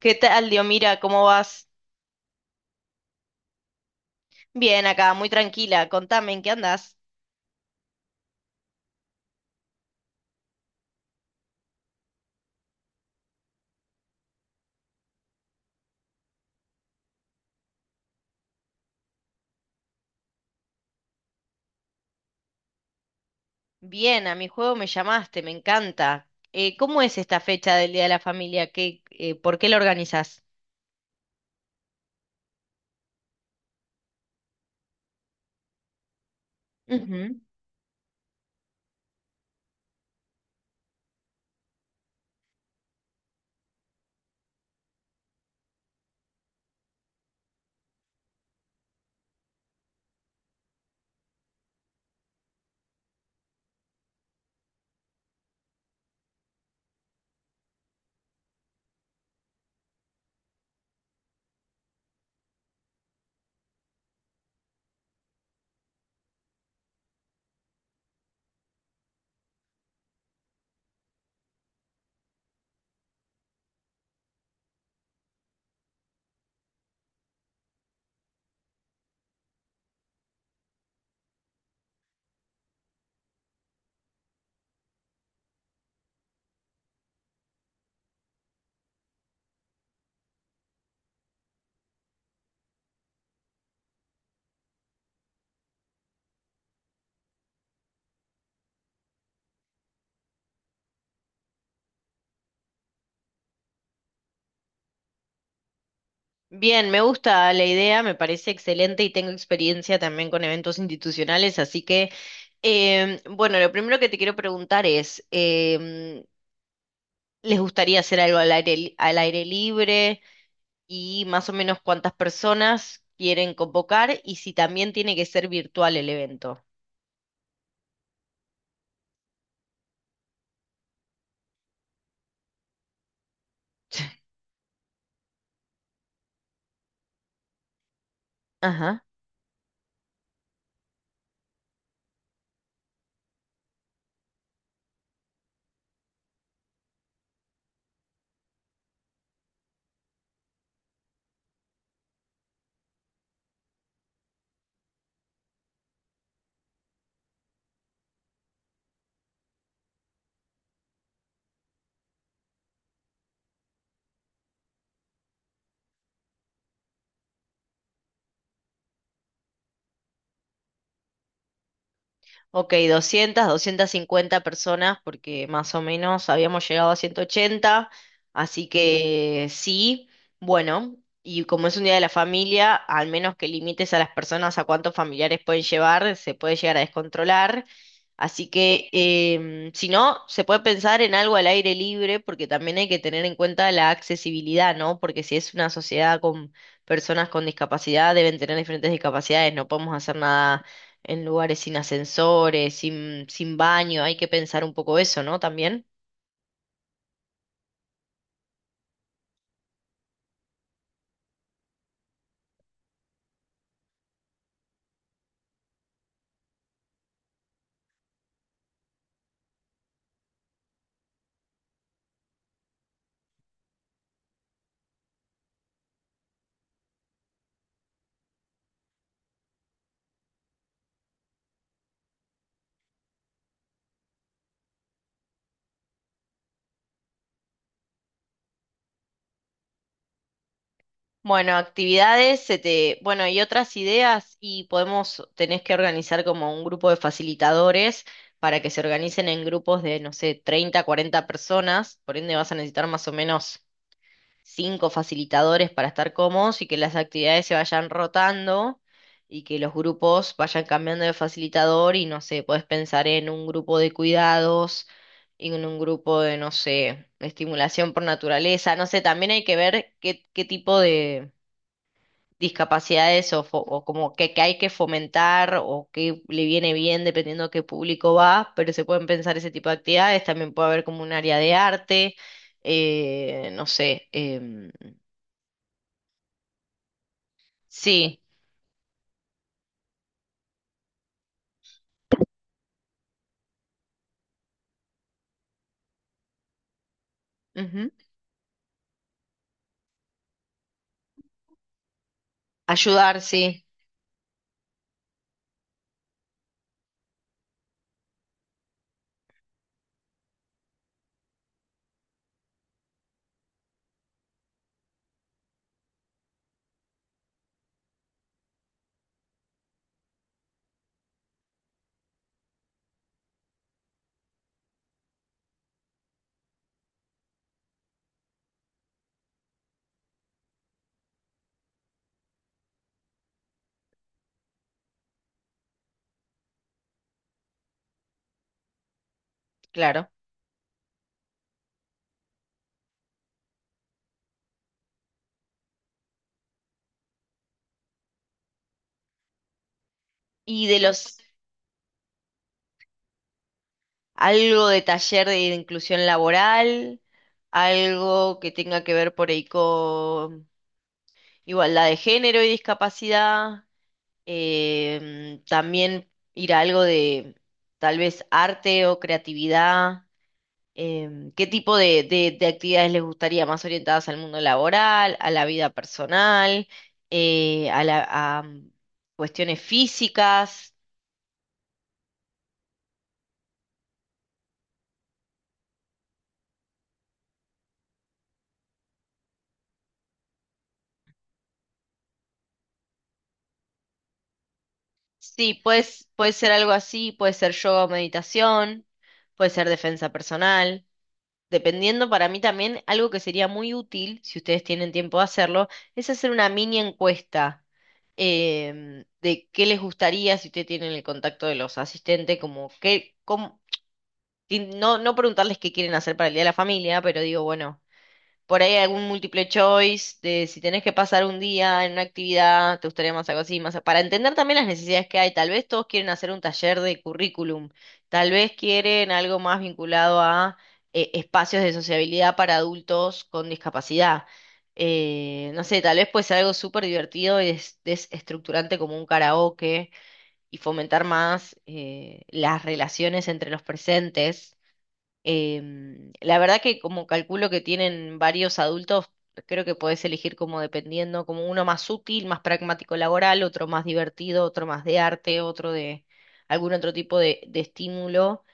¿Qué tal, Diomira? ¿Cómo vas? Bien, acá, muy tranquila. Contame, ¿en qué andás? Bien, a mi juego me llamaste, me encanta. ¿Cómo es esta fecha del Día de la Familia? ¿Qué, por qué la organizás? Ujú. Bien, me gusta la idea, me parece excelente y tengo experiencia también con eventos institucionales, así que, bueno, lo primero que te quiero preguntar es, ¿les gustaría hacer algo al al aire libre? Y más o menos cuántas personas quieren convocar y si también tiene que ser virtual el evento. Ajá. Ok, 200 250 personas, porque más o menos habíamos llegado a 180, así que sí, bueno, y como es un día de la familia, al menos que limites a las personas a cuántos familiares pueden llevar, se puede llegar a descontrolar, así que si no, se puede pensar en algo al aire libre, porque también hay que tener en cuenta la accesibilidad, ¿no? Porque si es una sociedad con personas con discapacidad, deben tener diferentes discapacidades, no podemos hacer nada en lugares sin ascensores, sin baño, hay que pensar un poco eso, ¿no? También. Bueno, actividades, bueno, y otras ideas, y podemos, tenés que organizar como un grupo de facilitadores para que se organicen en grupos de, no sé, 30 40 personas, por ende vas a necesitar más o menos cinco facilitadores para estar cómodos y que las actividades se vayan rotando y que los grupos vayan cambiando de facilitador y no sé, podés pensar en un grupo de cuidados y en un grupo de, no sé, estimulación por naturaleza, no sé, también hay que ver qué, qué tipo de discapacidades o como que hay que fomentar o qué le viene bien dependiendo a qué público va, pero se pueden pensar ese tipo de actividades, también puede haber como un área de arte, no sé, sí, ujú. Ayudar, sí, claro. Y de los, algo de taller de inclusión laboral, algo que tenga que ver por ahí con igualdad de género y discapacidad, también ir a algo de tal vez arte o creatividad. ¿Qué tipo de, de actividades les gustaría más orientadas al mundo laboral, a la vida personal, a la, cuestiones físicas? Sí, puedes, puede ser algo así, puede ser yoga o meditación, puede ser defensa personal. Dependiendo para mí también, algo que sería muy útil, si ustedes tienen tiempo de hacerlo, es hacer una mini encuesta de qué les gustaría si ustedes tienen el contacto de los asistentes, como qué, y no, no preguntarles qué quieren hacer para el Día de la Familia, pero digo, bueno. Por ahí algún múltiple choice de si tenés que pasar un día en una actividad, te gustaría más algo así, más para entender también las necesidades que hay. Tal vez todos quieren hacer un taller de currículum, tal vez quieren algo más vinculado a espacios de sociabilidad para adultos con discapacidad. No sé, tal vez puede ser algo súper divertido y desestructurante como un karaoke y fomentar más las relaciones entre los presentes. La verdad que como calculo que tienen varios adultos, creo que podés elegir como dependiendo, como uno más útil, más pragmático laboral, otro más divertido, otro más de arte, otro de algún otro tipo de estímulo.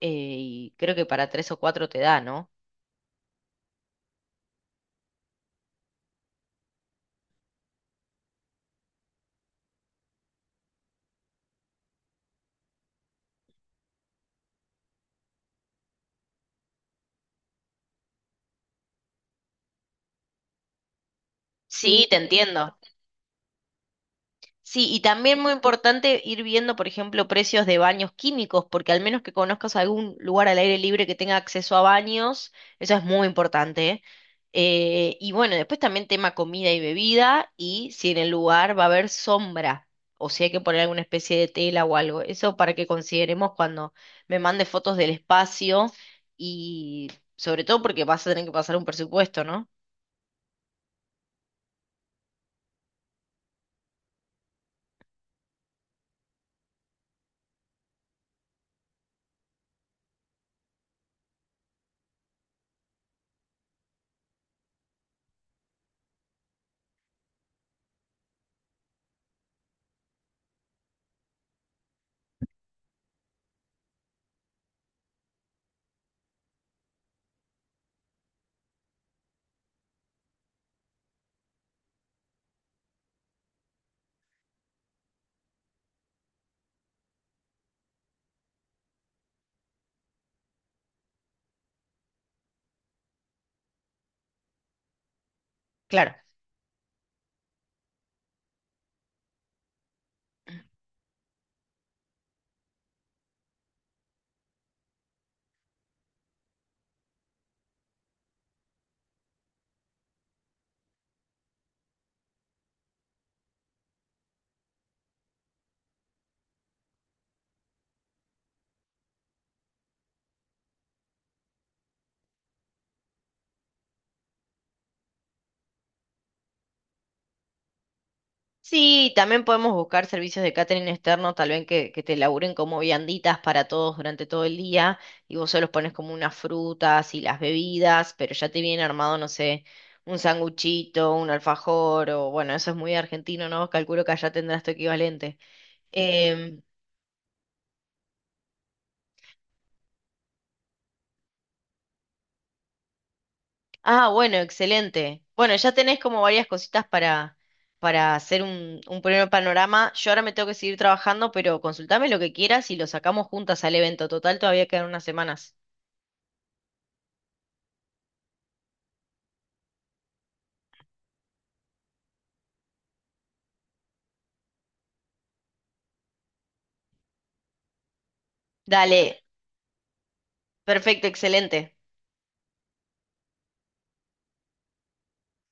Y creo que para tres o cuatro te da, ¿no? Sí, sí, te entiendo. Sí, y también muy importante ir viendo, por ejemplo, precios de baños químicos, porque al menos que conozcas algún lugar al aire libre que tenga acceso a baños, eso es muy importante. Y bueno, después también tema comida y bebida y si en el lugar va a haber sombra o si hay que poner alguna especie de tela o algo. Eso para que consideremos cuando me mande fotos del espacio y sobre todo porque vas a tener que pasar un presupuesto, ¿no? Claro. Sí, también podemos buscar servicios de catering externo, tal vez que te laburen como vianditas para todos durante todo el día y vos se los pones como unas frutas y las bebidas, pero ya te viene armado, no sé, un sanguchito, un alfajor o bueno, eso es muy argentino, ¿no? Calculo que allá tendrás tu equivalente. Em, ah, bueno, excelente. Bueno, ya tenés como varias cositas para hacer un primer panorama. Yo ahora me tengo que seguir trabajando, pero consultame lo que quieras y lo sacamos juntas al evento. Total, todavía quedan unas semanas. Dale, perfecto, excelente.